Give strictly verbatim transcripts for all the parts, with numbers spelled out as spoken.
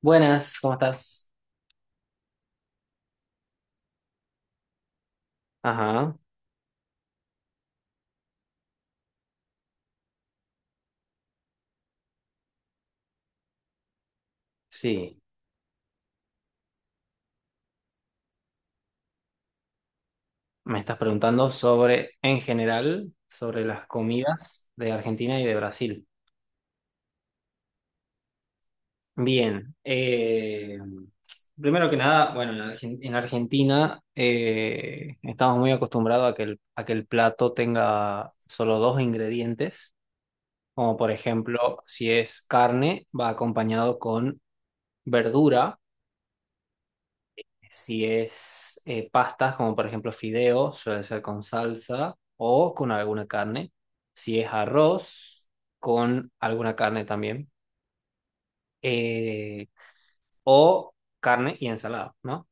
Buenas, ¿cómo estás? Ajá, sí. Me estás preguntando sobre, en general, sobre las comidas de Argentina y de Brasil. Bien. Eh, primero que nada, bueno, en, Argen- en Argentina eh, estamos muy acostumbrados a que el, a que el plato tenga solo dos ingredientes, como por ejemplo, si es carne, va acompañado con verdura. Si es eh, pastas, como por ejemplo fideo, suele ser con salsa o con alguna carne. Si es arroz, con alguna carne también. Eh, o carne y ensalada, ¿no?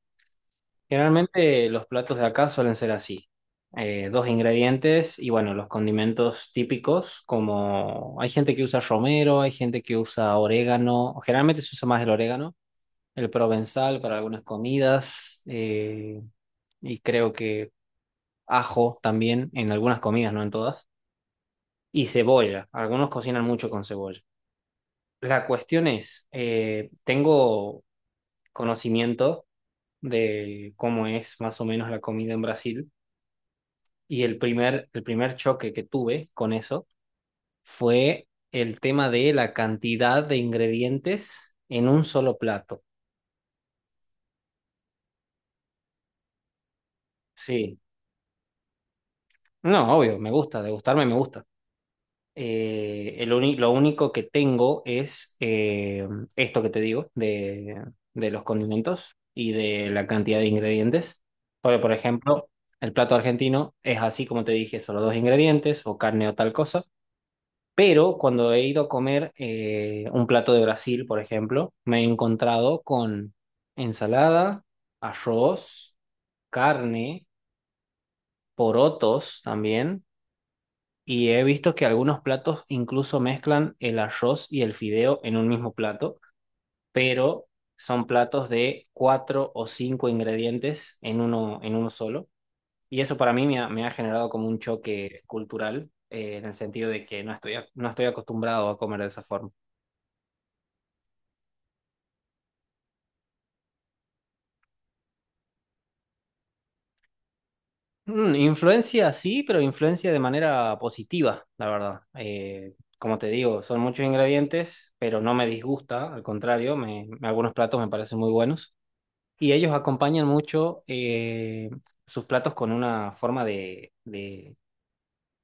Generalmente los platos de acá suelen ser así. Eh, dos ingredientes y bueno, los condimentos típicos, como hay gente que usa romero, hay gente que usa orégano, generalmente se usa más el orégano, el provenzal para algunas comidas. Eh, y creo que ajo también en algunas comidas, no en todas, y cebolla. Algunos cocinan mucho con cebolla. La cuestión es, eh, tengo conocimiento de cómo es más o menos la comida en Brasil y el primer, el primer choque que tuve con eso fue el tema de la cantidad de ingredientes en un solo plato. Sí, no, obvio, me gusta, degustarme me gusta. Eh, el uni- lo único que tengo es eh, esto que te digo de, de los condimentos y de la cantidad de ingredientes. Porque, por ejemplo, el plato argentino es así como te dije, solo dos ingredientes o carne o tal cosa. Pero cuando he ido a comer eh, un plato de Brasil, por ejemplo, me he encontrado con ensalada, arroz, carne, porotos también y he visto que algunos platos incluso mezclan el arroz y el fideo en un mismo plato, pero son platos de cuatro o cinco ingredientes en uno, en uno solo. Y eso para mí me ha, me ha generado como un choque cultural, eh, en el sentido de que no estoy, ac- no estoy acostumbrado a comer de esa forma. Mm, influencia sí, pero influencia de manera positiva, la verdad. Eh, como te digo, son muchos ingredientes, pero no me disgusta, al contrario, me, algunos platos me parecen muy buenos. Y ellos acompañan mucho eh, sus platos con una forma de, de,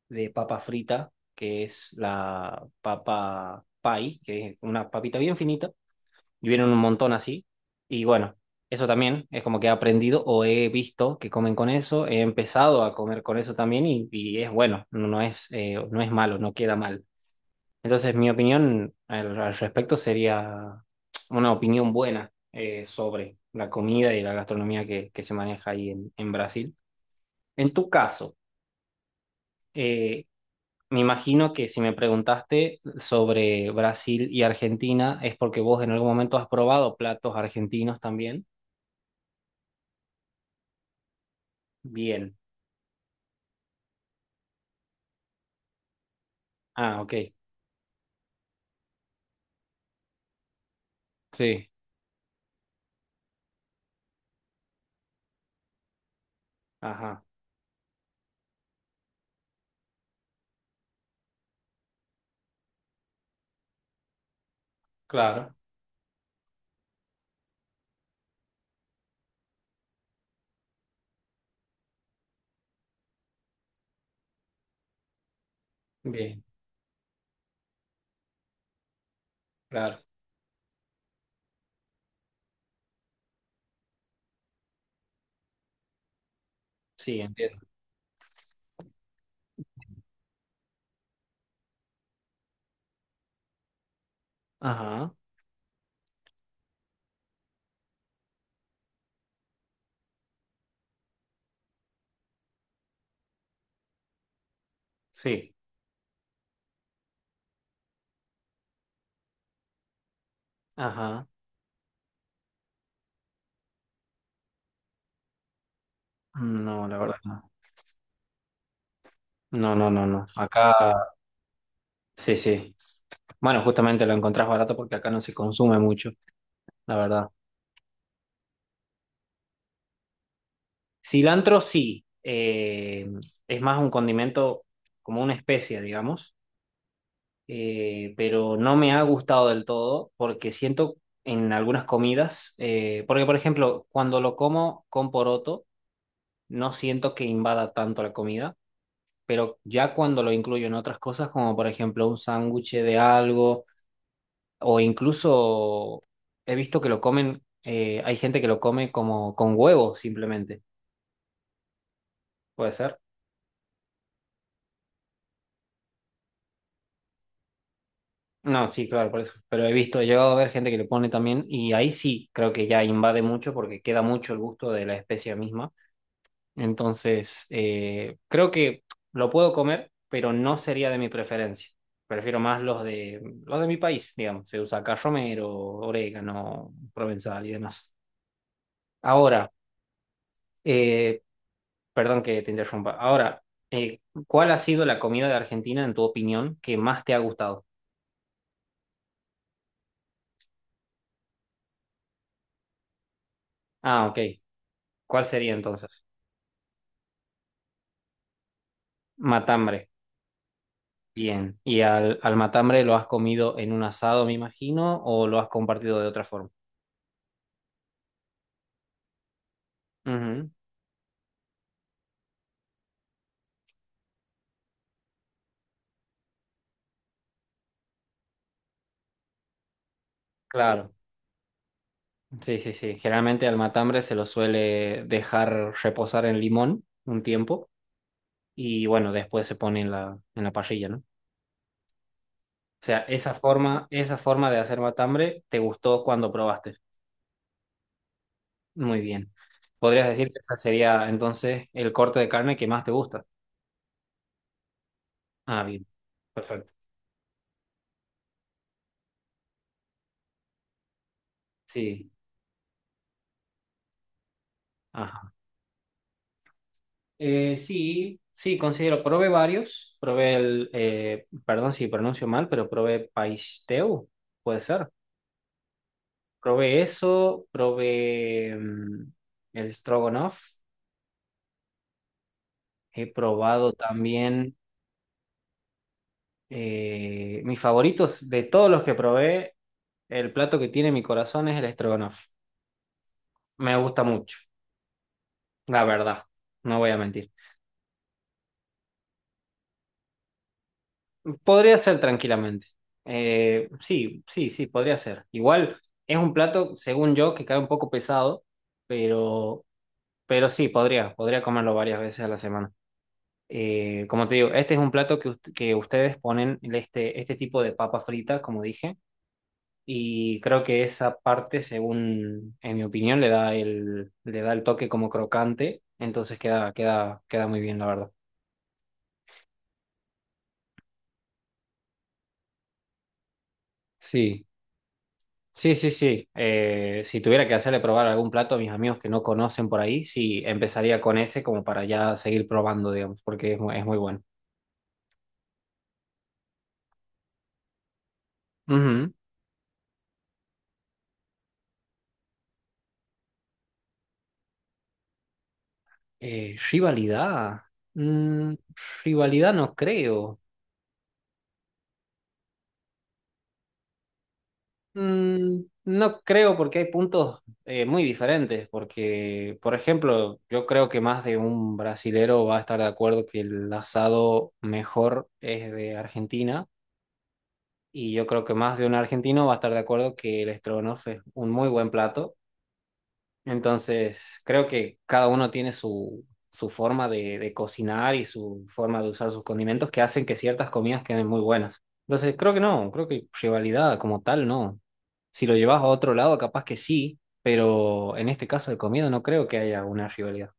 de papa frita, que es la papa pie, que es una papita bien finita, y vienen un montón así. Y bueno, eso también es como que he aprendido o he visto que comen con eso, he empezado a comer con eso también y, y es bueno, no, no es, eh, no es malo, no queda mal. Entonces, mi opinión al, al respecto sería una opinión buena eh, sobre la comida y la gastronomía que, que se maneja ahí en, en Brasil. En tu caso, eh, me imagino que si me preguntaste sobre Brasil y Argentina es porque vos en algún momento has probado platos argentinos también. Bien. Ah, ok. Sí. Ajá. Claro. Bien. Claro. Sí, entiendo. Ajá. Sí. Ajá. No, la verdad no. No, no, no, no. Acá. Sí, sí. Bueno, justamente lo encontrás barato porque acá no se consume mucho, la verdad. Cilantro sí, eh, es más un condimento como una especia, digamos, eh, pero no me ha gustado del todo porque siento en algunas comidas, eh, porque por ejemplo, cuando lo como con poroto, no siento que invada tanto la comida, pero ya cuando lo incluyo en otras cosas, como por ejemplo un sándwich de algo. O incluso he visto que lo comen, eh, hay gente que lo come como con huevo simplemente. ¿Puede ser? No, sí, claro, por eso. Pero he visto, he llegado a ver gente que lo pone también y ahí sí creo que ya invade mucho porque queda mucho el gusto de la especia misma. Entonces, eh, creo que lo puedo comer, pero no sería de mi preferencia. Prefiero más los de los de mi país, digamos. Se usa acá romero, orégano, provenzal y demás. Ahora, eh, perdón que te interrumpa. Ahora, eh, ¿cuál ha sido la comida de Argentina, en tu opinión, que más te ha gustado? Ah, ok. ¿Cuál sería entonces? Matambre. Bien. ¿Y al, al matambre lo has comido en un asado, me imagino, o lo has compartido de otra forma? Ujú, claro. Sí, sí, sí. Generalmente al matambre se lo suele dejar reposar en limón un tiempo y bueno, después se pone en la, en la parrilla, ¿no? O sea, esa forma, esa forma de hacer matambre, ¿te gustó cuando probaste? Muy bien. Podrías decir que ese sería entonces el corte de carne que más te gusta. Ah, bien. Perfecto. Sí. Ajá. Eh, sí, sí, considero. Probé varios. Probé el, eh, perdón si pronuncio mal, pero probé paisteu. Puede ser. Probé eso. Probé mm, el stroganoff. He probado también eh, mis favoritos de todos los que probé. El plato que tiene mi corazón es el stroganoff. Me gusta mucho. La verdad, no voy a mentir. Podría ser tranquilamente. Eh, sí, sí, sí, podría ser. Igual es un plato, según yo, que cae un poco pesado, pero, pero sí, podría, podría comerlo varias veces a la semana. Eh, como te digo, este es un plato que, ust- que ustedes ponen este, este tipo de papa frita, como dije, y creo que esa parte, según, en mi opinión, le da el, le da el toque como crocante, entonces queda, queda, queda muy bien, la verdad. Sí. Sí, sí, sí. Eh, si tuviera que hacerle probar algún plato a mis amigos que no conocen por ahí, sí, empezaría con ese como para ya seguir probando, digamos, porque es, mu- es muy bueno. Ujú. Eh, rivalidad. Mm, rivalidad no creo. Mm, no creo porque hay puntos eh, muy diferentes, porque, por ejemplo, yo creo que más de un brasilero va a estar de acuerdo que el asado mejor es de Argentina y yo creo que más de un argentino va a estar de acuerdo que el estrogonoff es un muy buen plato. Entonces, creo que cada uno tiene su, su forma de, de cocinar y su forma de usar sus condimentos que hacen que ciertas comidas queden muy buenas. Entonces, creo que no, creo que rivalidad como tal no. Si lo llevas a otro lado, capaz que sí, pero en este caso de comida no creo que haya una rivalidad.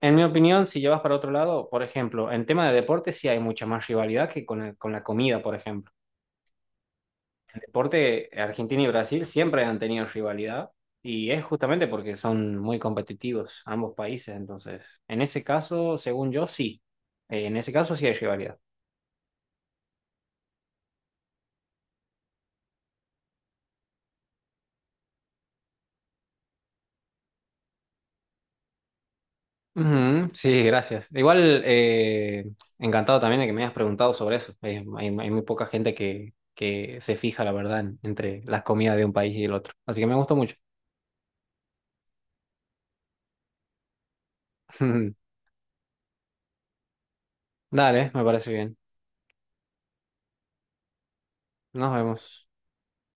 En mi opinión, si llevas para otro lado, por ejemplo, en tema de deporte sí hay mucha más rivalidad que con, el- con la comida, por ejemplo. Deporte, Argentina y Brasil siempre han tenido rivalidad y es justamente porque son muy competitivos ambos países. Entonces, en ese caso, según yo, sí. Eh, en ese caso sí hay rivalidad. Ujú, sí, gracias. Igual, eh, encantado también de que me hayas preguntado sobre eso. Eh, hay, hay muy poca gente que, que se fija, la verdad, en- entre las comidas de un país y el otro. Así que me gustó mucho. Dale, me parece bien. Nos vemos.